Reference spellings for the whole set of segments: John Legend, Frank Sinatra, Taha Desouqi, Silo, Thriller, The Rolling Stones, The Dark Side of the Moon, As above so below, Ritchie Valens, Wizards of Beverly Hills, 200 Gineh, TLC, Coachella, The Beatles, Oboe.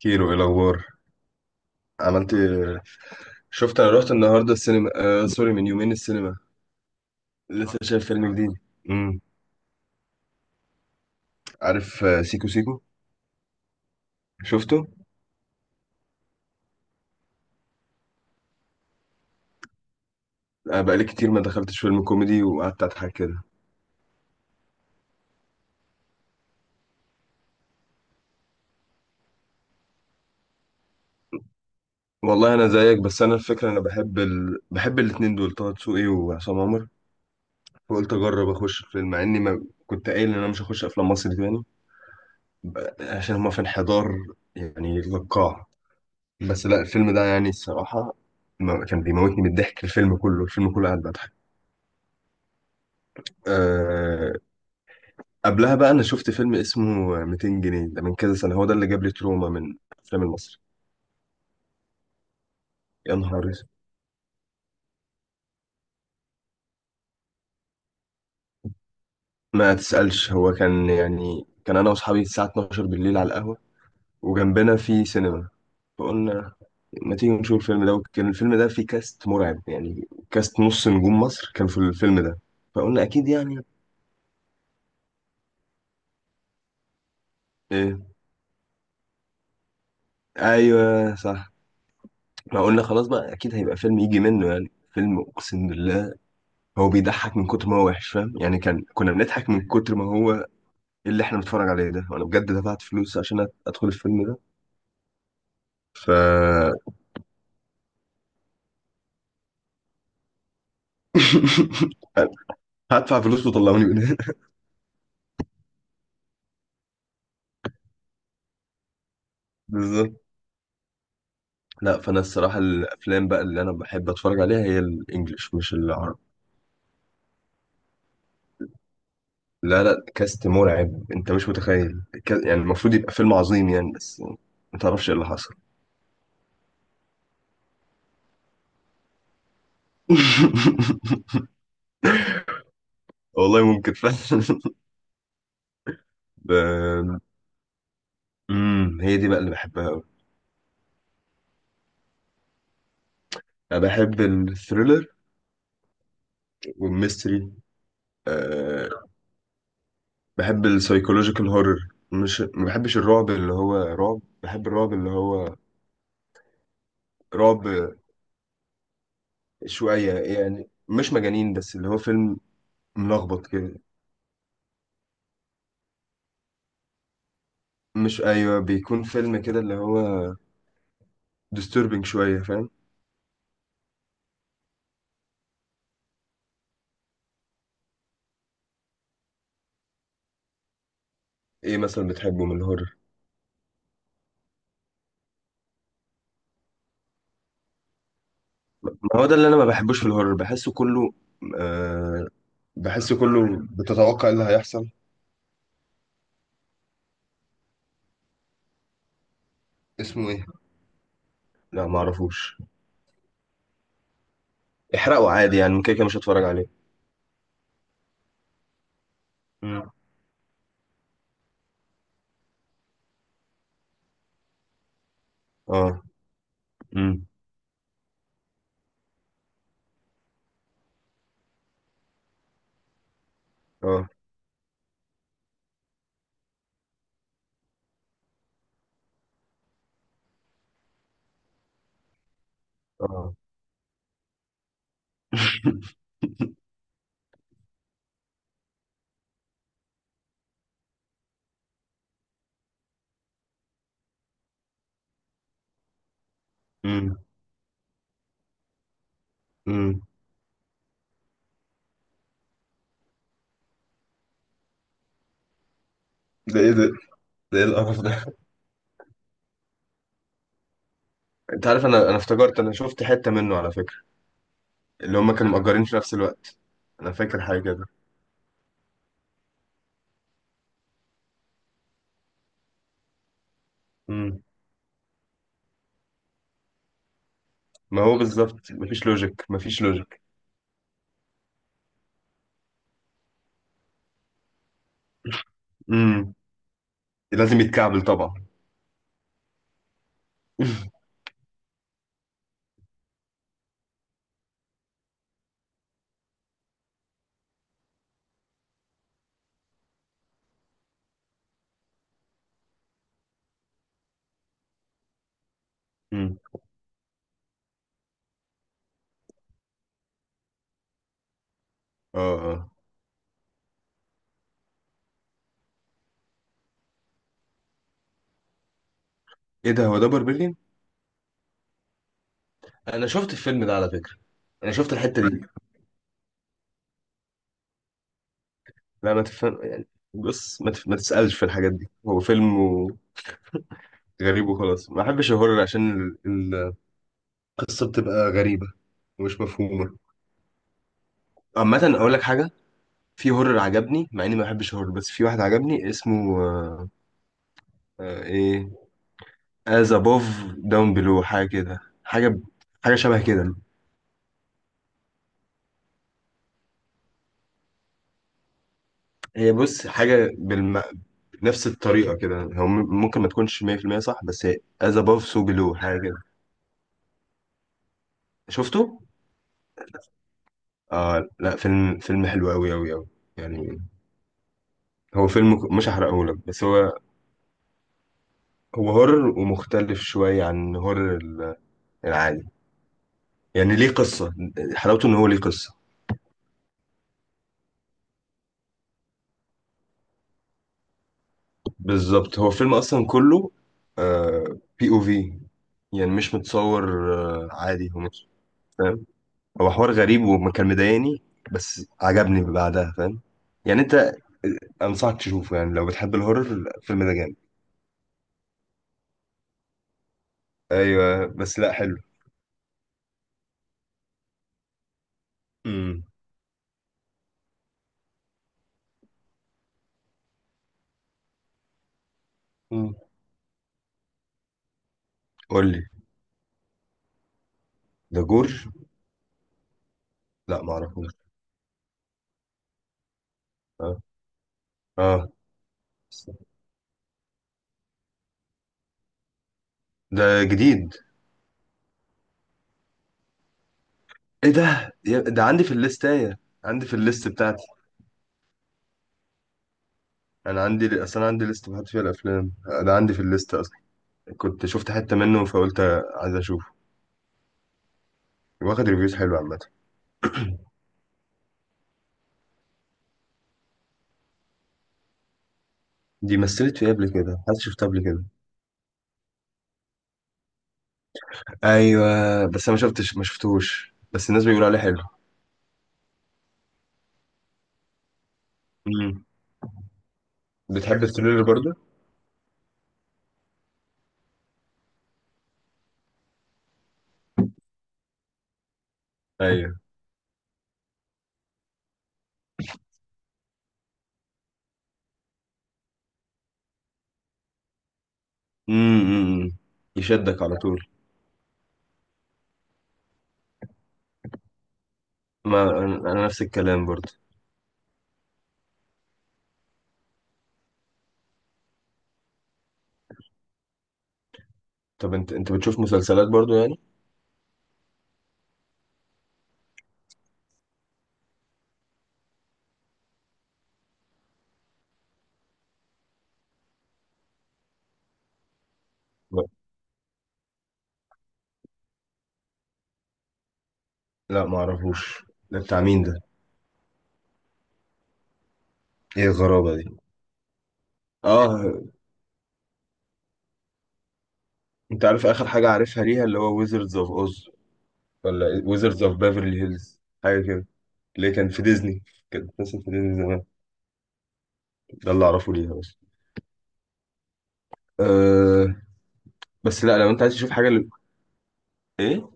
كيرو، ايه الاخبار؟ عملت إيه؟ شفت، انا رحت النهارده السينما. آه، سوري، من يومين السينما. لسه شايف فيلم جديد. امم عارف؟ آه، سيكو سيكو. شفته؟ آه، بقالي كتير ما دخلتش فيلم كوميدي وقعدت اضحك كده. والله انا زيك، بس انا الفكره، انا بحب الاتنين دول، طه دسوقي وعصام عمر. فقلت اجرب اخش الفيلم، مع اني ما كنت قايل ان انا مش هخش افلام مصري تاني. عشان هما في انحدار يعني للقاع. بس لا الفيلم ده، يعني الصراحه، كان بيموتني من الضحك. الفيلم كله، الفيلم كله قاعد بضحك. أه، قبلها بقى انا شفت فيلم اسمه 200 جنيه، ده من كذا سنه، هو ده اللي جاب لي تروما من الافلام المصري. يا نهار اسود، ما تسالش. هو كان يعني، كان انا واصحابي الساعه 12 بالليل على القهوه، وجنبنا في سينما. فقلنا ما تيجي نشوف الفيلم ده، وكان الفيلم ده فيه كاست مرعب. يعني كاست نص نجوم مصر كان في الفيلم ده. فقلنا اكيد، يعني إيه؟ ايوه صح. ما قلنا خلاص بقى اكيد هيبقى فيلم، يجي منه يعني فيلم، اقسم بالله. هو بيضحك من كتر ما هو وحش، فاهم؟ يعني كنا بنضحك من كتر ما هو إيه اللي احنا بنتفرج عليه ده. وانا بجد دفعت فلوس عشان ادخل الفيلم ده. ف هدفع فلوس وطلعوني من هنا. بالظبط. لا، فانا الصراحه الافلام بقى اللي انا بحب اتفرج عليها هي الانجليش مش العربي. لا، لا، كاست مرعب، انت مش متخيل، يعني المفروض يبقى فيلم عظيم يعني، بس ما تعرفش ايه اللي حصل. والله ممكن فعلا. ب... هي دي بقى اللي بحبها قوي. انا بحب الثريلر والميستري. أه بحب السايكولوجيكال هورر. مش، ما بحبش الرعب اللي هو رعب، بحب الرعب اللي هو رعب شوية، يعني مش مجانين، بس اللي هو فيلم ملخبط كده. مش، أيوه، بيكون فيلم كده اللي هو disturbing شوية، فاهم؟ ايه مثلا بتحبه من الهورر؟ ما هو ده اللي انا ما بحبوش في الهورر. أه بحسه كله بتتوقع إيه اللي هيحصل. اسمه ايه؟ لا، ما اعرفوش. احرقه عادي يعني، ممكن كده كده مش هتفرج عليه. مم. اه. امم. اه. اه. مم. مم. ده ايه ده؟ ده ايه القرف ده؟ انت عارف، انا افتكرت انا شفت حتة منه على فكرة. اللي هم كانوا مأجرين في نفس الوقت. انا فاكر حاجة كده. مم. ما هو بالظبط، مفيش لوجيك، مفيش لوجيك. مم. لازم يتكعبل طبعا. مم. اه. اه، ايه ده، هو ده بربلين؟ انا شفت الفيلم ده على فكرة. انا شفت الحتة دي. لا، ما تفهم يعني. بص، ما تسألش في الحاجات دي، هو فيلم و... غريب وخلاص. ما احبش الهورر عشان ال- القصة بتبقى غريبة ومش مفهومة. عامة، أقول لك حاجة، في هورر عجبني مع إني ما بحبش هورر، بس في واحد عجبني اسمه إيه As above down below، حاجة كده، حاجة شبه كده. هي بص، حاجة بنفس الطريقة كده، هو ممكن ما تكونش 100% صح، بس هي As above so below حاجة كده. شفته؟ آه لا، فيلم حلو أوي أوي أوي يعني. هو فيلم مش هحرقهولك، بس هو هورر ومختلف شوية عن هورر العادي. يعني ليه قصة، حلاوته إن هو ليه قصة. بالظبط، هو الفيلم اصلا كله بي او في، يعني مش متصور. عادي، هو مش فاهم. هو حوار غريب وما كان مضايقني، بس عجبني بعدها، فاهم؟ يعني انت، انصحك تشوفه يعني لو بتحب الهورر الفيلم ده جامد. ايوه بس لا حلو. امم. أمم. قول لي. ده جور؟ لا، ما اعرفوش. اه. اه. ده جديد؟ ايه ده، ده عندي في الليستايه. عندي في الليست بتاعتي. انا عندي اصلا، عندي ليست بحط فيها الافلام. ده عندي في الليست، كنت شفت حتة منه فقلت عايز اشوفه. واخد ريفيوز حلوة عامة. دي مثلت فيه قبل كده، حد شفتها قبل كده؟ ايوه بس انا ما شفتوش، بس الناس بيقولوا عليه حلو. امم بتحب الثريلر برضه؟ ايوه. امم. أمم. يشدك على طول. ما انا نفس الكلام برضه. طب، انت بتشوف مسلسلات برضه يعني؟ لا، لا، ما اعرفوش. ده بتاع مين ده؟ ايه الغرابة دي! اه. انت عارف اخر حاجة عارفها ليها اللي هو ويزردز اوف اوز، ولا ويزردز اوف بيفرلي هيلز، حاجة كده. اللي كان في ديزني، كانت بتمثل في ديزني زمان. ده اللي اعرفه ليها بس. أه. بس لا، لو انت عايز تشوف حاجه، ايه؟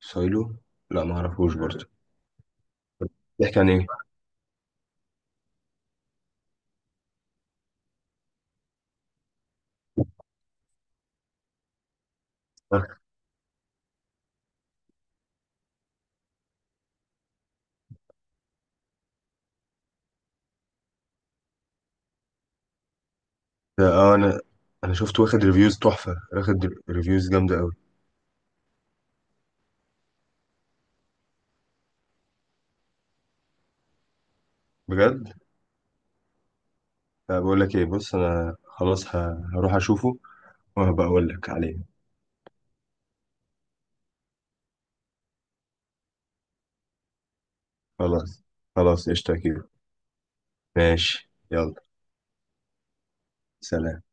سايلو. لا ما اعرفوش برضه. بيحكي عن ايه؟ اه. آه، انا انا شفت، واخد ريفيوز تحفه، واخد ريفيوز جامده قوي. بجد. لا بقول لك ايه، بص انا خلاص هروح اشوفه وهبقى اقول لك عليه. خلاص. خلاص قشطه كده. ماشي، يلا، سلام.